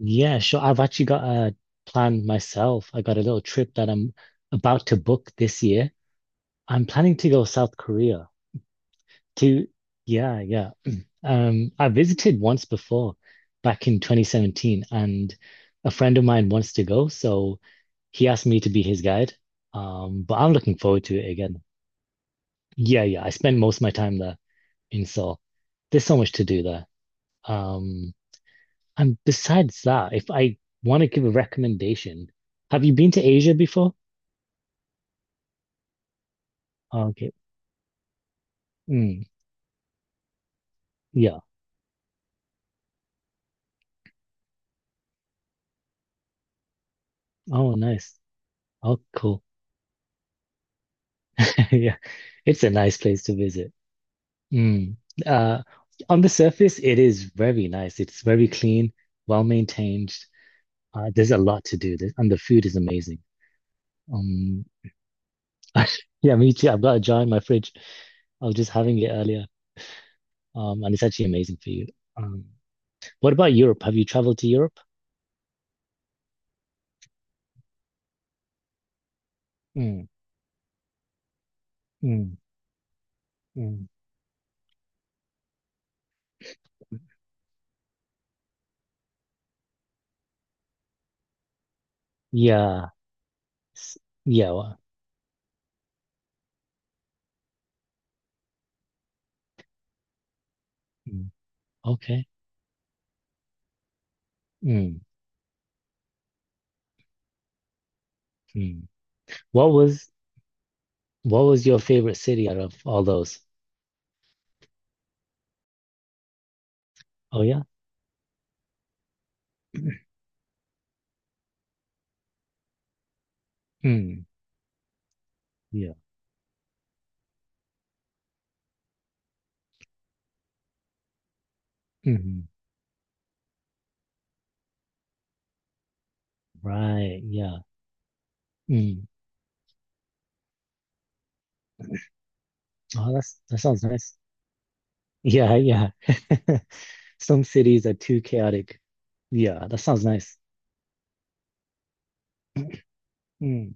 Yeah, sure. I've actually got a plan myself. I got a little trip that I'm about to book this year. I'm planning to go South Korea to, yeah, yeah. I visited once before back in 2017, and a friend of mine wants to go, so he asked me to be his guide. But I'm looking forward to it again. Yeah, yeah. I spend most of my time there in Seoul. There's so much to do there. Um, And besides that, if I want to give a recommendation, have you been to Asia before? Oh, okay. Mm, yeah. Oh, nice. Oh, cool. Yeah. It's a nice place to visit. Mm. Uh, on the surface, it is very nice. It's very clean, well maintained. There's a lot to do, and the food is amazing. Um, yeah, me too. I've got a jar in my fridge. I was just having it earlier, and it's actually amazing for you. Um, what about Europe? Have you traveled to Europe? Mm, mm, mm. Yeah. S- Yeah, well, mm, okay. Mm, mm. What was what was your favorite city out of all those? Oh yeah. Mm, yeah. Hmm. Right. Yeah. Mm. Oh, that's that sounds nice. Yeah. Yeah. Some cities are too chaotic. Yeah. That sounds nice. Mm.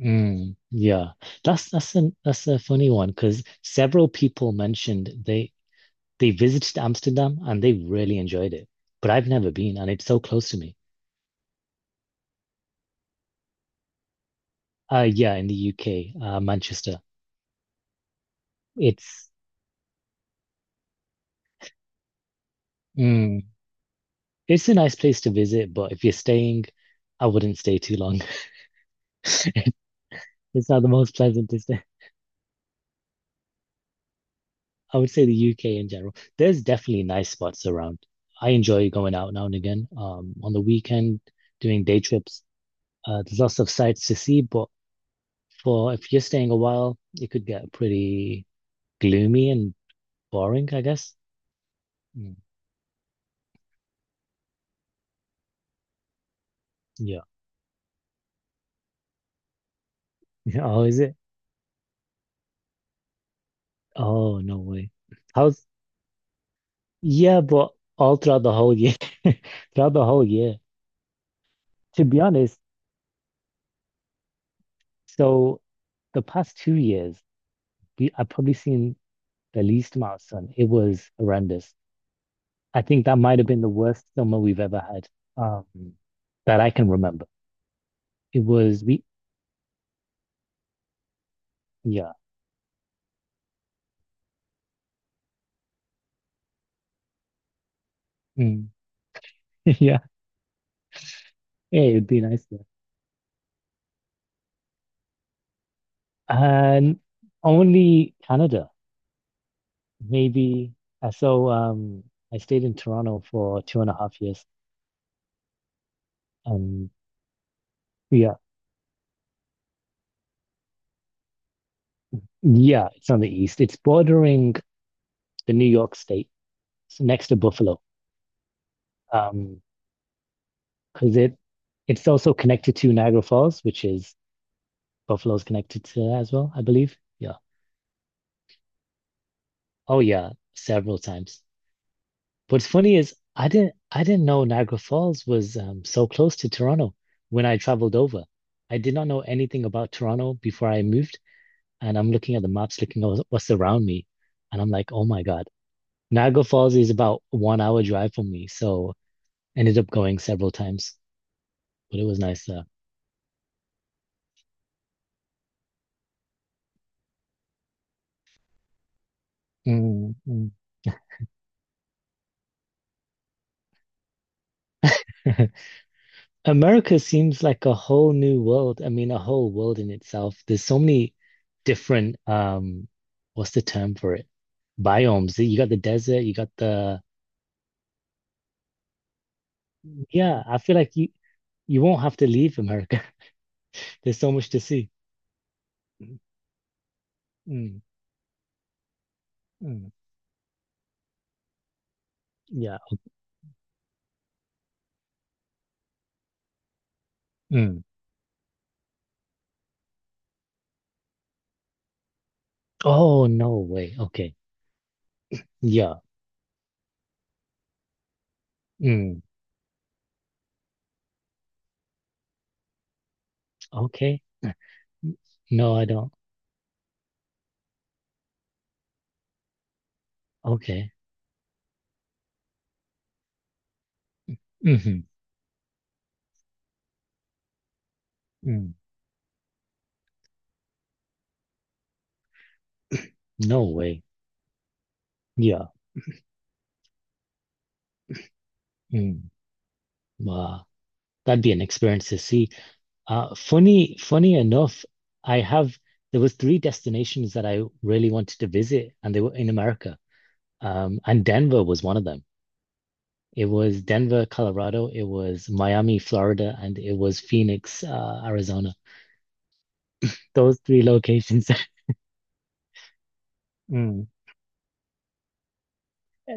Mm, yeah. That's a funny one because several people mentioned they visited Amsterdam and they really enjoyed it, but I've never been and it's so close to me. Yeah, in the UK, Manchester. It's mm, it's a nice place to visit, but if you're staying, I wouldn't stay too long. It's not the most pleasant to stay. I would say the UK in general. There's definitely nice spots around. I enjoy going out now and again. On the weekend, doing day trips. There's lots of sights to see, but for if you're staying a while, it could get pretty gloomy and boring, I guess. Mm, yeah. Oh, is it? Oh, no way. How's Yeah, but all throughout the whole year, throughout the whole year. To be honest, so the past 2 years, we I've probably seen the least amount of sun. It was horrendous. I think that might have been the worst summer we've ever had, um, that I can remember. It was we, yeah, mm, yeah. Yeah, it'd be nice though. And only Canada, maybe. Uh, So um, I stayed in Toronto for two and a half years, and yeah. Yeah, it's on the east. It's bordering the New York State. It's next to Buffalo. Um, because it's also connected to Niagara Falls, which is Buffalo's connected to that as well, I believe. Yeah. Oh yeah, several times. What's funny is I didn't know Niagara Falls was so close to Toronto when I traveled over. I did not know anything about Toronto before I moved, and I'm looking at the maps, looking at what's around me, and I'm like, oh my God, Niagara Falls is about 1 hour drive from me, so ended up going several times, but it was nice. Mm, mm. America seems like a whole new world. I mean, a whole world in itself. There's so many different what's the term for it? Biomes. You got the desert. You got the yeah. I feel like you won't have to leave America. There's so much to see. Mm, mm, yeah. Mm. Oh no way. Okay. Yeah. Mm. Okay. No, I don't. Okay. Hmm. Mm. No way. Yeah. Mm. Wow. That'd be an experience to see. Funny enough, I have there was three destinations that I really wanted to visit, and they were in America. And Denver was one of them. It was Denver, Colorado. It was Miami, Florida. And it was Phoenix, Arizona. Those three locations. Mm.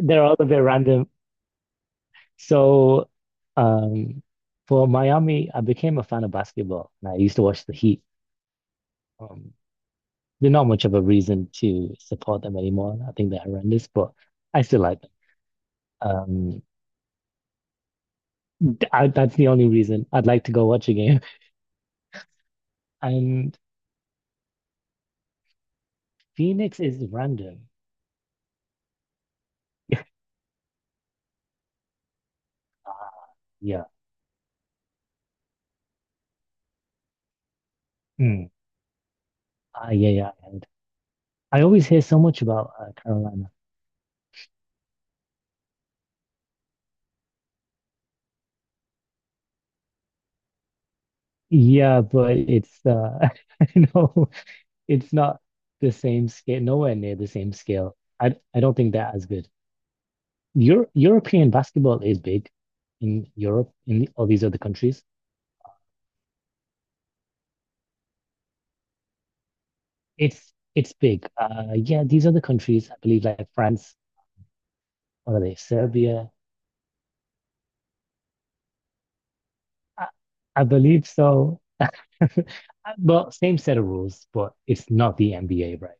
They're all a bit random. So, um, for Miami, I became a fan of basketball, and I used to watch the Heat. Um, There's not much of a reason to support them anymore. I think they're horrendous, but I still like them. Um, that's the only reason I'd like to go watch a game. And Phoenix is random. Ah, yeah. Mm. Ah, yeah, yeah. And I always hear so much about Carolina. Yeah, but it's I know it's not the same scale, nowhere near the same scale. I don't think they're as good. European basketball is big in Europe, in all these other countries. It's big. Yeah, these are the countries I believe, like France, what are they? Serbia. I, I believe so. Well, same set of rules, but it's not the NBA, right?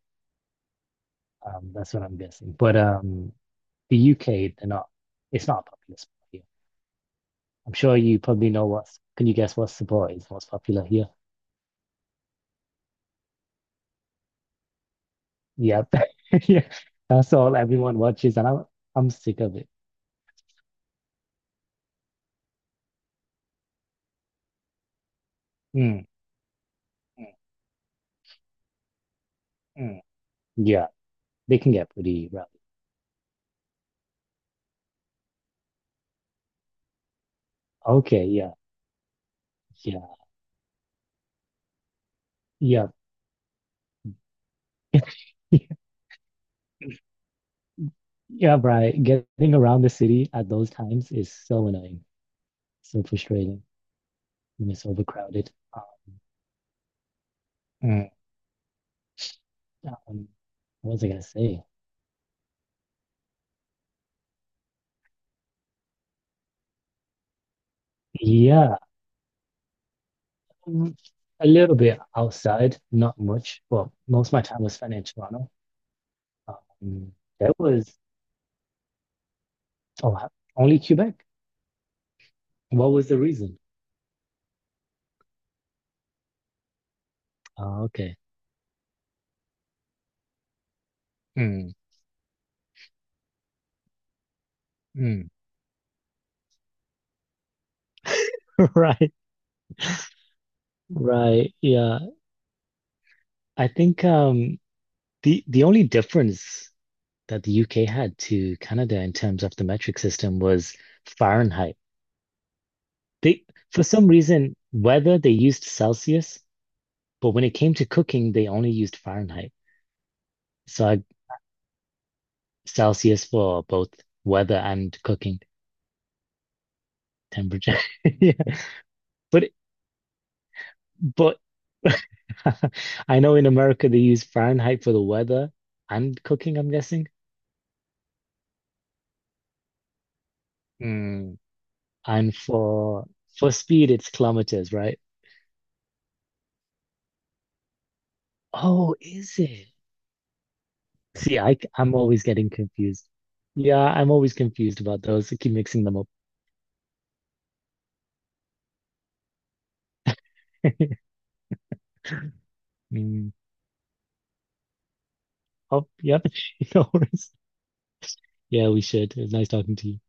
That's what I'm guessing. But the UK, they're not. It's not a popular sport here. I'm sure you probably know what's. Can you guess what sport is most popular here? Yeah, yeah. That's all everyone watches, and I'm sick of it. Mm, mm, mm. Yeah, they can get pretty rowdy. Okay, yeah, yeah, yeah. Yeah, Brian, getting around the city at those times is so annoying, so frustrating when it's overcrowded. Mm. Um, what was I gonna say? Yeah, mm, a little bit outside, not much. Well, most of my time was spent in Toronto. Um, there was oh, ha- Only Quebec. What was the reason? Oh, okay. Mm. Mm. Right, right. Yeah, I think the only difference that the UK had to Canada in terms of the metric system was Fahrenheit. They, for some reason, weather they used Celsius, but when it came to cooking, they only used Fahrenheit. So I, Celsius for both weather and cooking temperature. Yeah. But but I know in America they use Fahrenheit for the weather and cooking, I'm guessing. Mm. And for speed, it's kilometers, right? Oh, is it? I am always getting confused. Yeah, I'm always confused about those. I keep mixing them up. Mm. Oh, yep. No worries. Yeah, we should. It was nice talking to you.